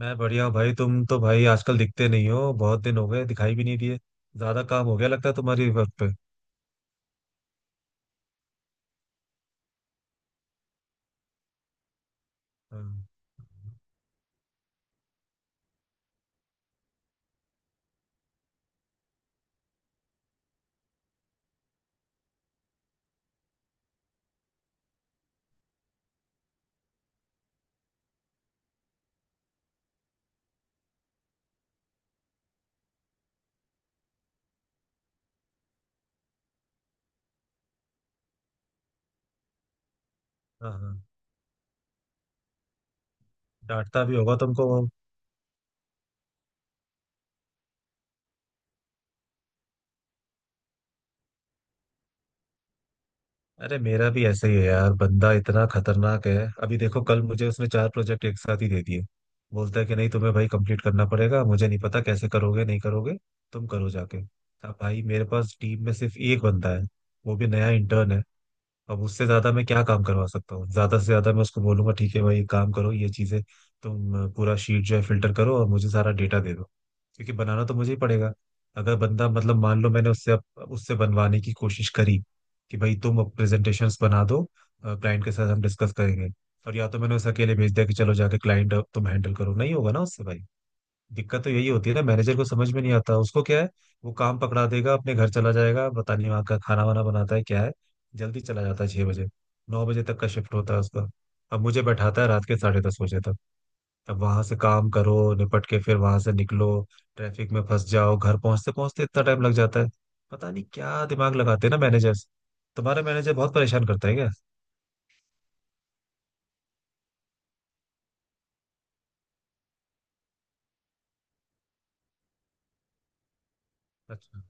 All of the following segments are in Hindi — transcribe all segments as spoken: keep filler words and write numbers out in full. मैं बढ़िया हूँ भाई। तुम तो भाई आजकल दिखते नहीं हो, बहुत दिन हो गए दिखाई भी नहीं दिए। ज्यादा काम हो गया लगता है तुम्हारी वर्क पे। हाँ हाँ हाँ, डांटता भी होगा तुमको वो। अरे मेरा भी ऐसा ही है यार, बंदा इतना खतरनाक है। अभी देखो, कल मुझे उसने चार प्रोजेक्ट एक साथ ही दे दिए। बोलता है कि नहीं तुम्हें भाई कंप्लीट करना पड़ेगा, मुझे नहीं पता कैसे करोगे नहीं करोगे, तुम करो जाके। अब भाई मेरे पास टीम में सिर्फ एक बंदा है, वो भी नया इंटर्न है। अब उससे ज्यादा मैं क्या काम करवा सकता हूँ। ज्यादा से ज्यादा मैं उसको बोलूंगा ठीक है भाई, एक काम करो ये चीजें, तुम पूरा शीट जो है फिल्टर करो और मुझे सारा डेटा दे दो, क्योंकि बनाना तो मुझे ही पड़ेगा। अगर बंदा मतलब मान लो मैंने उससे अब उससे बनवाने की कोशिश करी, कि भाई तुम अब प्रेजेंटेशंस बना दो, क्लाइंट के साथ हम डिस्कस करेंगे, और या तो मैंने उसे अकेले भेज दिया कि चलो जाके क्लाइंट तुम हैंडल करो, नहीं होगा ना उससे भाई। दिक्कत तो यही होती है ना, मैनेजर को समझ में नहीं आता उसको क्या है। वो काम पकड़ा देगा अपने घर चला जाएगा, पता नहीं वहाँ का खाना वाना बनाता है क्या है। जल्दी चला जाता है छह बजे। नौ बजे तक का शिफ्ट होता है उसका, अब मुझे बैठाता है रात के साढ़े दस बजे तक। अब वहां से काम करो निपट के, फिर वहां से निकलो, ट्रैफिक में फंस जाओ, घर पहुंचते पहुंचते इतना टाइम लग जाता है। पता नहीं क्या दिमाग लगाते हैं ना मैनेजर्स। तुम्हारा मैनेजर बहुत परेशान करता है क्या? अच्छा।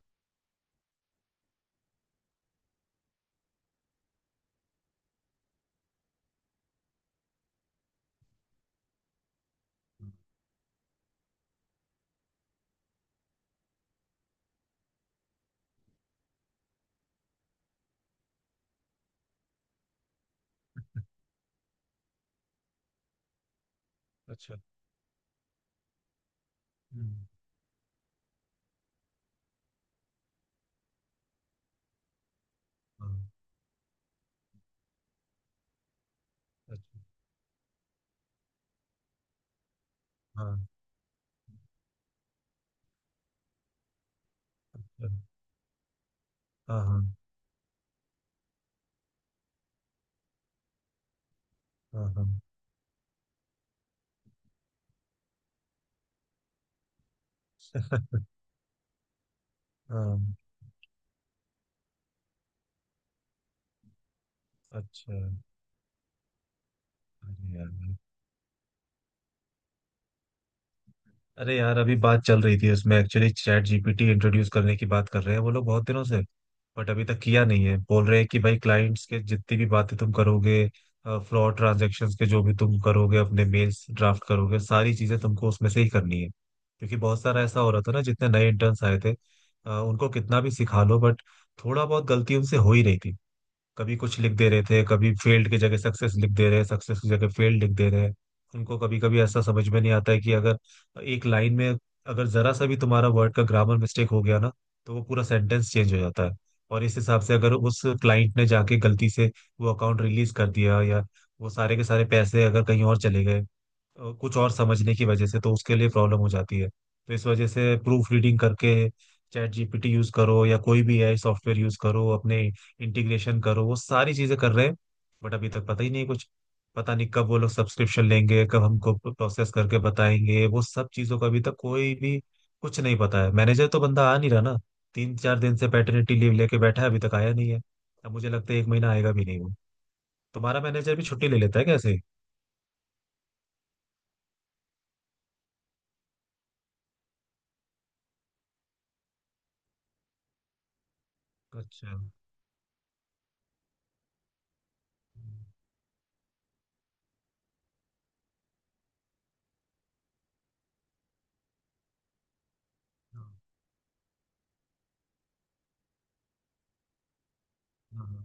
अच्छा। हम्म, हाँ। अच्छा। हाँ। अच्छा, हाँ हाँ हाँ हाँ हाँ। अच्छा। अरे यार, अरे यार, अभी बात चल रही थी उसमें एक्चुअली चैट जीपीटी इंट्रोड्यूस करने की बात कर रहे हैं वो लोग बहुत दिनों से। बट अभी तक किया नहीं है। बोल रहे हैं कि भाई, क्लाइंट्स के जितनी भी बातें तुम करोगे, फ्रॉड ट्रांजैक्शंस के जो भी तुम करोगे, अपने मेल्स ड्राफ्ट करोगे, सारी चीजें तुमको उसमें से ही करनी है, क्योंकि बहुत सारा ऐसा हो रहा था ना, जितने नए इंटर्न्स आए थे, अ, उनको कितना भी सिखा लो बट थोड़ा बहुत गलती उनसे हो ही रही थी। कभी कुछ लिख दे रहे थे, कभी फेल्ड की जगह सक्सेस लिख दे रहे हैं, सक्सेस की जगह फेल्ड लिख दे रहे हैं। उनको कभी कभी ऐसा समझ में नहीं आता है कि अगर एक लाइन में अगर जरा सा भी तुम्हारा वर्ड का ग्रामर मिस्टेक हो गया ना, तो वो पूरा सेंटेंस चेंज हो जाता है। और इस हिसाब से अगर उस क्लाइंट ने जाके गलती से वो अकाउंट रिलीज कर दिया, या वो सारे के सारे पैसे अगर कहीं और चले गए अ, कुछ और समझने की वजह से, तो उसके लिए प्रॉब्लम हो जाती है। तो इस वजह से प्रूफ रीडिंग करके चैट जीपीटी यूज करो, या कोई भी एआई सॉफ्टवेयर यूज करो, अपने इंटीग्रेशन करो, वो सारी चीजें कर रहे हैं। बट अभी तक पता ही नहीं कुछ, पता नहीं कब वो लोग सब्सक्रिप्शन लेंगे, कब हमको प्रोसेस करके बताएंगे वो सब चीजों का, अभी तक कोई भी कुछ नहीं पता है। मैनेजर तो बंदा आ नहीं रहा ना, तीन चार दिन से पैटर्निटी लीव लेके बैठा है, अभी तक आया नहीं है। अब मुझे लगता है एक महीना आएगा भी नहीं वो। तुम्हारा मैनेजर भी छुट्टी ले लेता है कैसे? अच्छा। हाँ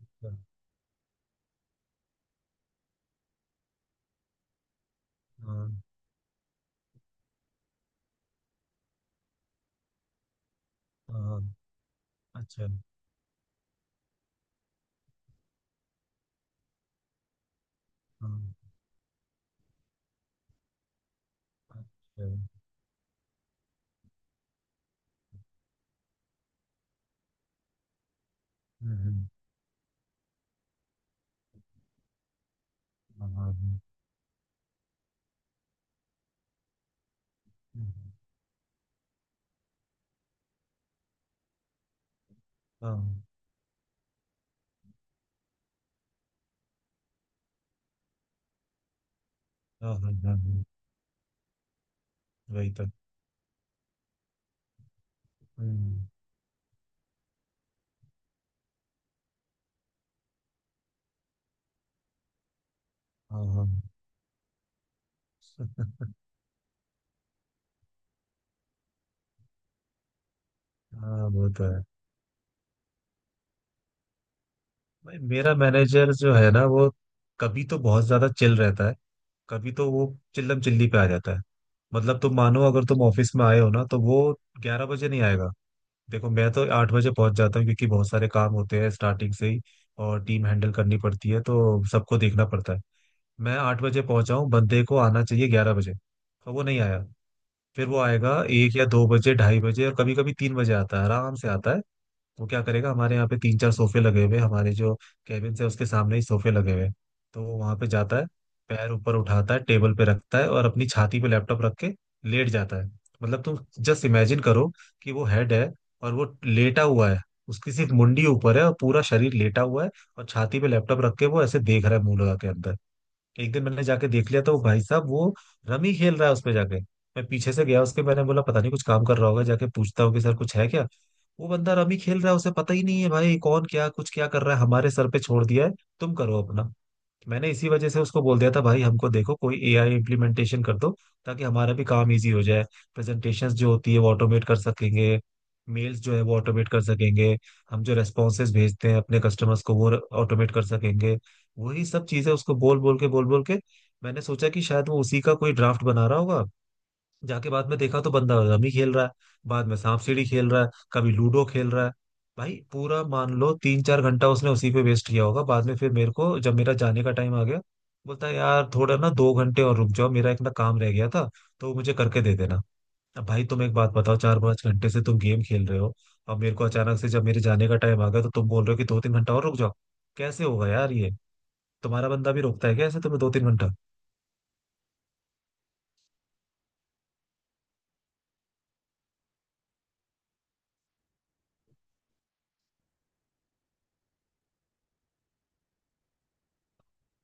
हाँ हाँ हाँ, अच्छा। हाँ। अच्छा। हम्म हम्म, हाँ हाँ हाँ हाँ हाँ हाँ, हाँ, वही तो। हम्म। हाँ हाँ हाँ। वो तो है। भाई मेरा मैनेजर जो है ना, वो कभी तो बहुत ज्यादा चिल रहता है, कभी तो वो चिल्लम चिल्ली पे आ जाता है। मतलब तुम मानो अगर तुम ऑफिस में आए हो ना, तो वो ग्यारह बजे नहीं आएगा। देखो, मैं तो आठ बजे पहुंच जाता हूँ, क्योंकि बहुत सारे काम होते हैं स्टार्टिंग से ही, और टीम हैंडल करनी पड़ती है तो सबको देखना पड़ता है। मैं आठ बजे पहुंचा हूँ, बंदे को आना चाहिए ग्यारह बजे, पर वो नहीं आया। फिर वो आएगा एक या दो बजे, ढाई बजे, और कभी कभी तीन बजे आता है, आराम से आता है। वो क्या करेगा, हमारे यहाँ पे तीन चार सोफे लगे हुए हैं, हमारे जो कैबिन है उसके सामने ही सोफे लगे हुए हैं। तो वो वहां पे जाता है, पैर ऊपर उठाता है टेबल पे रखता है, और अपनी छाती पे लैपटॉप रख के लेट जाता है। मतलब तुम जस्ट इमेजिन करो, कि वो हेड है और वो लेटा हुआ है, उसकी सिर्फ मुंडी ऊपर है और पूरा शरीर लेटा हुआ है, और छाती पे लैपटॉप रख के वो ऐसे देख रहा है मुंह लगा के अंदर। एक दिन मैंने जाके देख लिया तो वो भाई साहब वो रमी खेल रहा है उसपे जाके। मैं पीछे से गया उसके, मैंने बोला पता नहीं कुछ काम कर रहा होगा, जाके पूछता हूँ कि सर कुछ है क्या। वो बंदा रमी खेल रहा है, उसे पता ही नहीं है भाई कौन क्या कुछ क्या कर रहा है, हमारे सर पे छोड़ दिया है, तुम करो अपना। मैंने इसी वजह से उसको बोल दिया था, भाई हमको देखो कोई एआई इम्प्लीमेंटेशन कर दो, ताकि हमारा भी काम इजी हो जाए, प्रेजेंटेशंस जो होती है वो ऑटोमेट कर सकेंगे, मेल्स जो है वो ऑटोमेट कर सकेंगे, हम जो रेस्पॉन्सेज भेजते हैं अपने कस्टमर्स को वो ऑटोमेट कर सकेंगे, वही सब चीजें उसको बोल बोल के, बोल बोल के। मैंने सोचा कि शायद वो उसी का कोई ड्राफ्ट बना रहा होगा, जाके बाद में देखा तो बंदा रमी खेल रहा है, बाद में सांप सीढ़ी खेल रहा है, कभी लूडो खेल रहा है। भाई पूरा मान लो तीन चार घंटा उसने उसी पे वेस्ट किया होगा, बाद में फिर मेरे को, जब मेरा जाने का टाइम आ गया, बोलता है यार थोड़ा ना दो घंटे और रुक जाओ, मेरा एक ना काम रह गया था, तो वो मुझे करके दे देना। अब भाई तुम एक बात बताओ, चार पांच घंटे से तुम गेम खेल रहे हो, अब मेरे को अचानक से जब मेरे जाने का टाइम आ गया तो तुम बोल रहे हो कि दो तीन घंटा और रुक जाओ, कैसे होगा यार ये। तुम्हारा बंदा भी रोकता है क्या ऐसे तुम्हें दो तीन घंटा?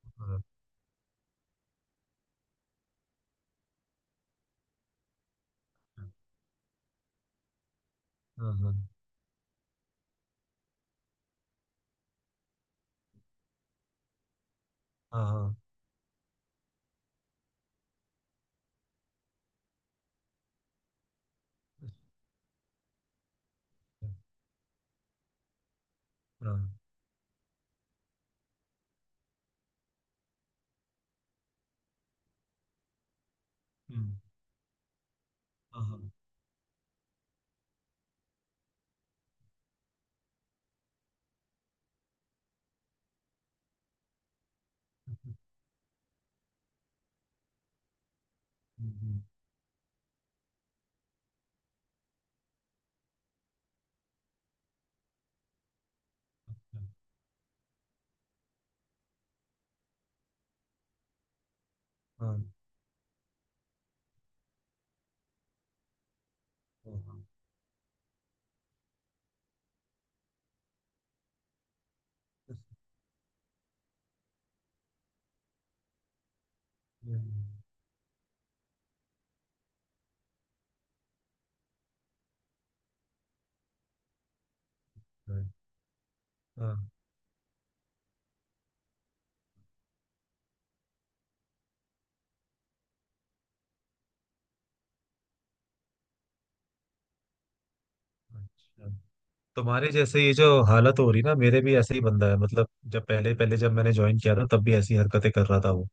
हाँ हाँ हाँ हाँ हाँ, हाँ, Mm, uh-huh. हम्म, हाँ, हाँ, हाँ, हम्म, right, हाँ, अच्छा। तुम्हारे जैसे ये जो हालत हो रही ना, मेरे भी ऐसे ही बंदा है। मतलब जब पहले पहले जब मैंने ज्वाइन किया था, तब भी ऐसी हरकतें कर रहा था वो।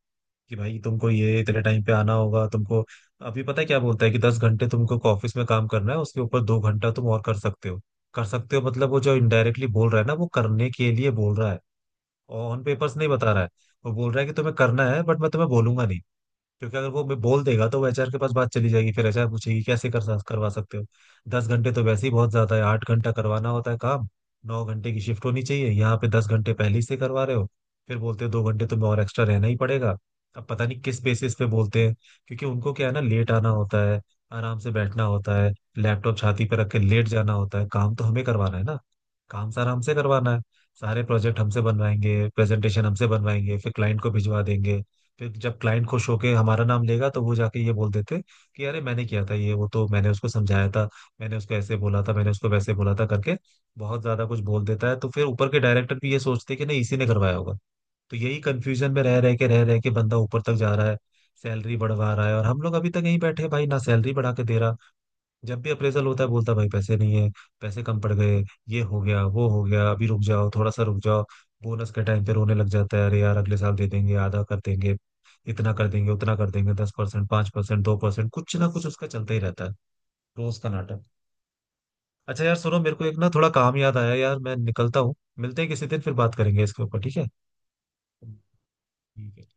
कि भाई तुमको ये इतने टाइम पे आना होगा तुमको। अभी पता है क्या बोलता है, कि दस घंटे तुमको ऑफिस में काम करना है, उसके ऊपर दो घंटा तुम और कर सकते हो। कर सकते हो मतलब वो जो इनडायरेक्टली बोल रहा है ना, वो करने के लिए बोल रहा है। ऑन पेपर्स नहीं बता रहा है। वो बोल रहा है कि तुम्हें करना है, बट मैं तुम्हें बोलूंगा नहीं, क्योंकि अगर वो मैं बोल देगा तो वो एचआर के पास बात चली जाएगी, फिर एचआर पूछेगी कैसे कर सक- करवा सकते हो। दस घंटे तो वैसे ही बहुत ज्यादा है, आठ घंटा करवाना होता है काम। नौ घंटे की शिफ्ट होनी चाहिए यहाँ पे, दस घंटे पहले ही से करवा रहे हो, फिर बोलते हो दो घंटे तुम्हें और एक्स्ट्रा रहना ही पड़ेगा। अब पता नहीं किस बेसिस पे बोलते हैं। क्योंकि उनको क्या है ना, लेट आना होता है, आराम से बैठना होता है, लैपटॉप छाती पे रख के लेट जाना होता है। काम तो हमें करवाना है ना, काम सारा हमसे करवाना है, सारे प्रोजेक्ट हमसे बनवाएंगे, प्रेजेंटेशन हमसे बनवाएंगे, फिर क्लाइंट को भिजवा देंगे। फिर जब क्लाइंट खुश होके हमारा नाम लेगा, तो वो जाके ये बोल देते कि अरे मैंने किया था ये वो, तो मैंने उसको समझाया था, मैंने उसको ऐसे बोला था, मैंने उसको वैसे बोला था करके, बहुत ज्यादा कुछ बोल देता है। तो फिर ऊपर के डायरेक्टर भी ये सोचते कि नहीं इसी ने करवाया होगा। तो यही कंफ्यूजन में रह रह के रह रह के बंदा ऊपर तक जा रहा है, सैलरी बढ़वा रहा है, और हम लोग अभी तक यहीं बैठे हैं भाई, ना सैलरी बढ़ा के दे रहा। जब भी अप्रेजल होता है बोलता है भाई पैसे नहीं है, पैसे कम पड़ गए, ये हो गया वो हो गया, अभी रुक जाओ थोड़ा सा रुक जाओ। बोनस के टाइम पे रोने लग जाता है, अरे यार अगले साल दे देंगे, आधा कर देंगे, इतना कर देंगे उतना कर देंगे, दस परसेंट पांच परसेंट दो परसेंट, कुछ ना कुछ उसका चलता ही रहता है। रोज का नाटक। अच्छा यार सुनो, मेरे को एक ना थोड़ा काम याद आया यार, मैं निकलता हूँ, मिलते हैं किसी दिन, फिर बात करेंगे इसके ऊपर, ठीक है? ठीक है।